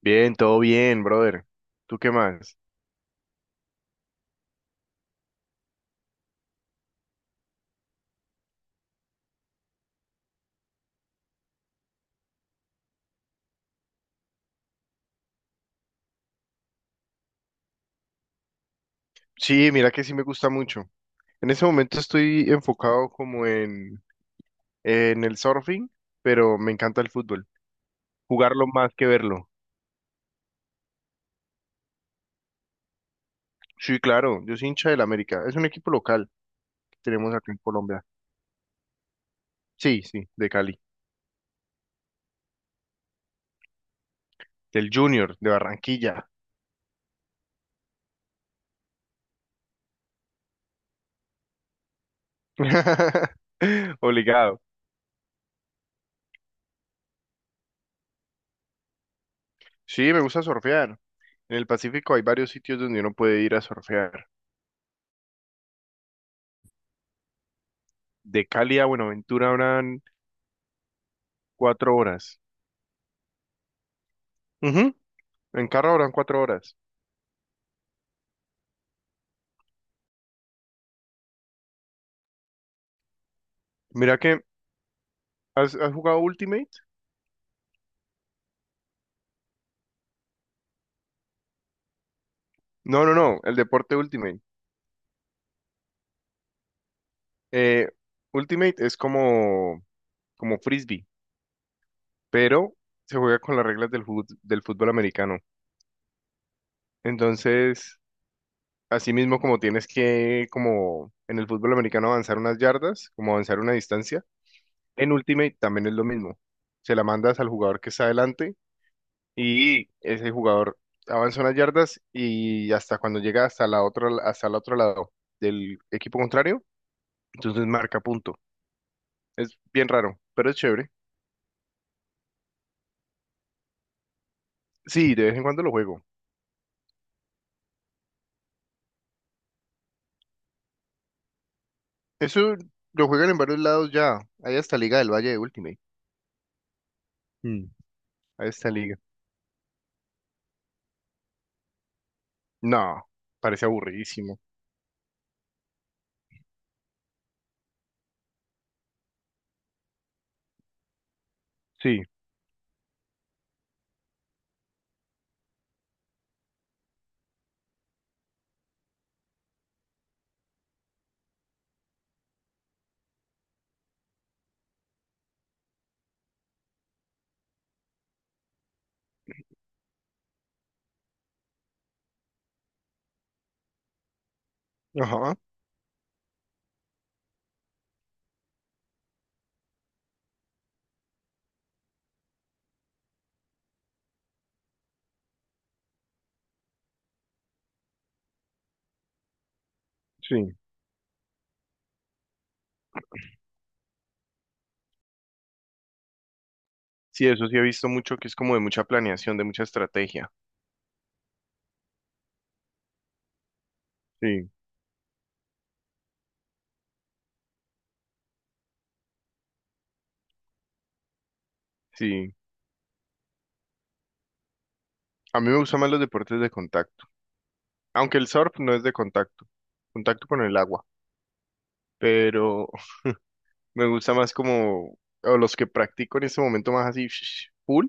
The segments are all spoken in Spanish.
Bien, todo bien, brother. ¿Tú qué más? Sí, mira que sí me gusta mucho. En ese momento estoy enfocado como en el surfing, pero me encanta el fútbol. Jugarlo más que verlo. Sí, claro, yo soy hincha del América. Es un equipo local que tenemos acá en Colombia. Sí, sí, de Cali. Del Junior, de Barranquilla. Obligado. Sí, me gusta surfear. En el Pacífico hay varios sitios donde uno puede ir a surfear. De Cali a Buenaventura habrán 4 horas. En carro habrán 4 horas. Mira que, ¿has jugado Ultimate? No, no, no, el deporte Ultimate. Eh, Ultimate es como frisbee, pero se juega con las reglas del fútbol americano. Entonces, así mismo como tienes que, como en el fútbol americano, avanzar unas yardas, como avanzar una distancia, en Ultimate también es lo mismo. Se la mandas al jugador que está adelante y ese jugador avanza unas yardas y hasta cuando llega hasta el otro lado del equipo contrario, entonces marca punto. Es bien raro, pero es chévere. Sí, de vez en cuando lo juego. Eso lo juegan en varios lados ya. Hay hasta Liga del Valle de Ultimate. Mm. Hay hasta Liga. No, parece aburridísimo. Sí, ajá, sí. Sí, eso sí he visto mucho que es como de mucha planeación, de mucha estrategia. Sí, sí. A mí me gustan más los deportes de contacto. Aunque el surf no es de contacto, contacto con el agua, pero me gusta más como, o los que practico en este momento más así, full,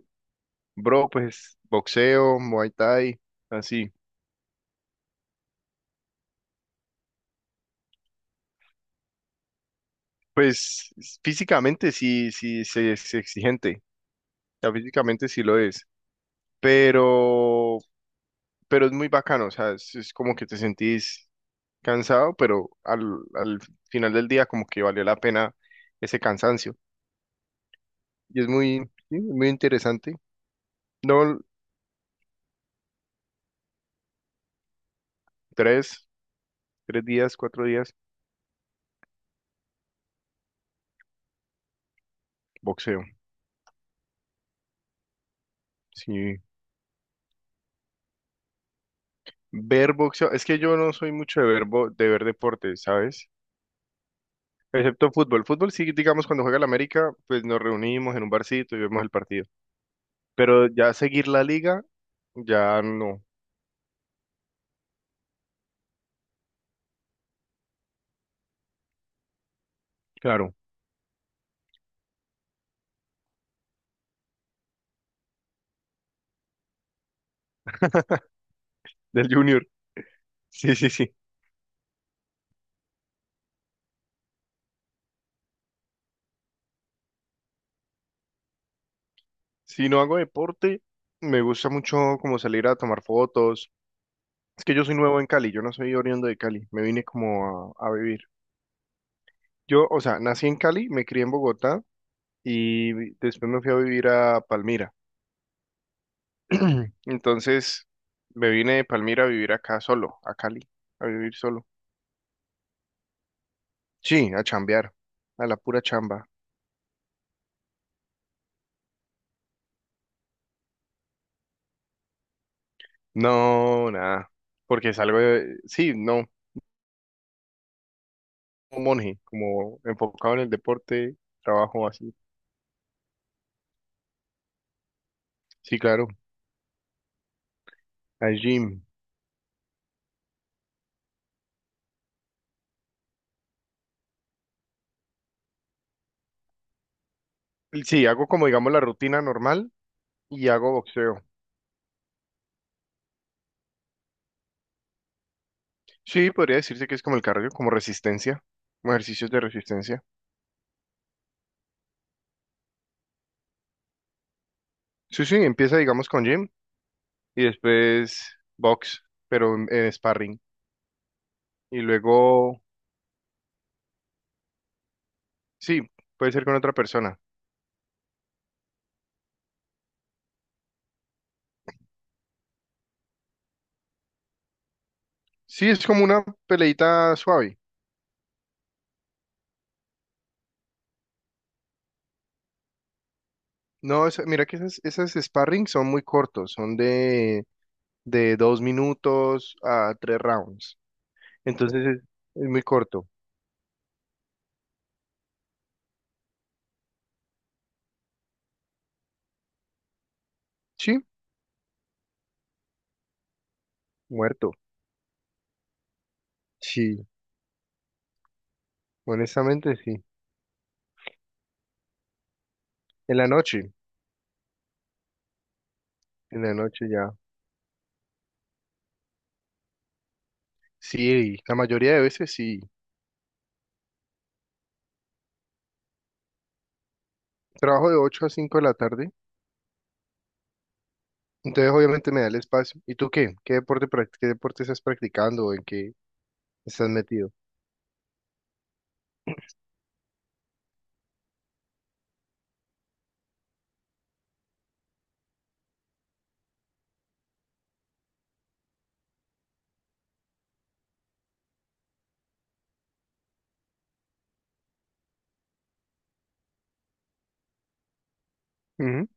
bro, pues boxeo, muay thai, así. Pues físicamente sí, sí, sí es exigente, o sea, físicamente sí lo es, pero, pero es muy bacano, o sea, es como que te sentís cansado, pero al final del día como que valió la pena ese cansancio. Y es muy, sí, muy interesante. No, Tres, tres días, 4 días, boxeo. Sí, ver boxeo. Es que yo no soy mucho de ver deportes, ¿sabes? Excepto fútbol. Fútbol sí, digamos, cuando juega el América, pues nos reunimos en un barcito y vemos el partido. Pero ya seguir la liga, ya no. Claro, del Junior. Sí, sí, sí. Si no hago deporte, me gusta mucho como salir a tomar fotos. Es que yo soy nuevo en Cali, yo no soy oriundo de Cali. Me vine como a vivir. Yo, o sea, nací en Cali, me crié en Bogotá. Y después me fui a vivir a Palmira. Entonces me vine de Palmira a vivir acá solo, a Cali, a vivir solo. Sí, a chambear, a la pura chamba. No, nada, porque salgo de, sí, no, como monje, como enfocado en el deporte, trabajo así. Sí, claro, al gym. Sí, hago como digamos la rutina normal y hago boxeo. Sí, podría decirse que es como el cardio, como resistencia, como ejercicios de resistencia. Sí, sí, empieza digamos con gym. Y después box, pero en sparring. Y luego, sí, puede ser con otra persona. Sí, es como una peleita suave. No, mira que esas sparring son muy cortos, son de 2 minutos a 3 rounds. Entonces es muy corto. Sí, muerto. Sí, honestamente sí. En la noche, en la noche ya. Sí, la mayoría de veces sí. Trabajo de 8 a 5 de la tarde. Entonces, obviamente, me da el espacio. ¿Y tú qué? ¿Qué deporte estás practicando o en qué estás metido? Ujú,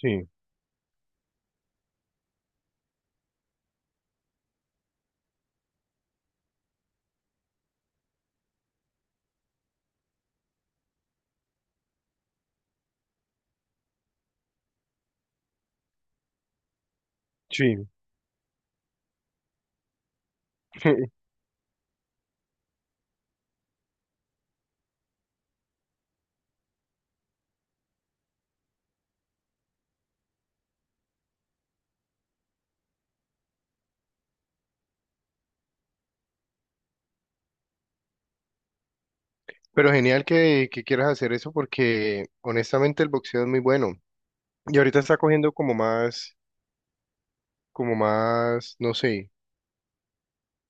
sí, sí. Pero genial que, quieras hacer eso porque honestamente el boxeo es muy bueno. Y ahorita está cogiendo como más, no sé,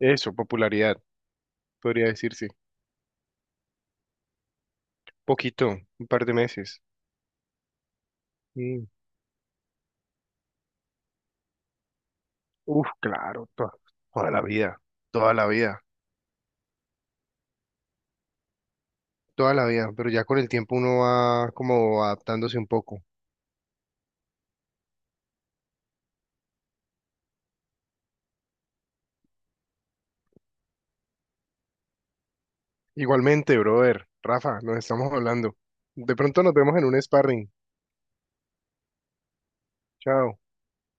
eso, popularidad, podría decirse. Poquito, un par de meses. Mm, uf, claro, toda la vida, toda la vida, toda la vida. Pero ya con el tiempo uno va como adaptándose un poco. Igualmente, brother. Rafa, nos estamos hablando. De pronto nos vemos en un sparring. Chao.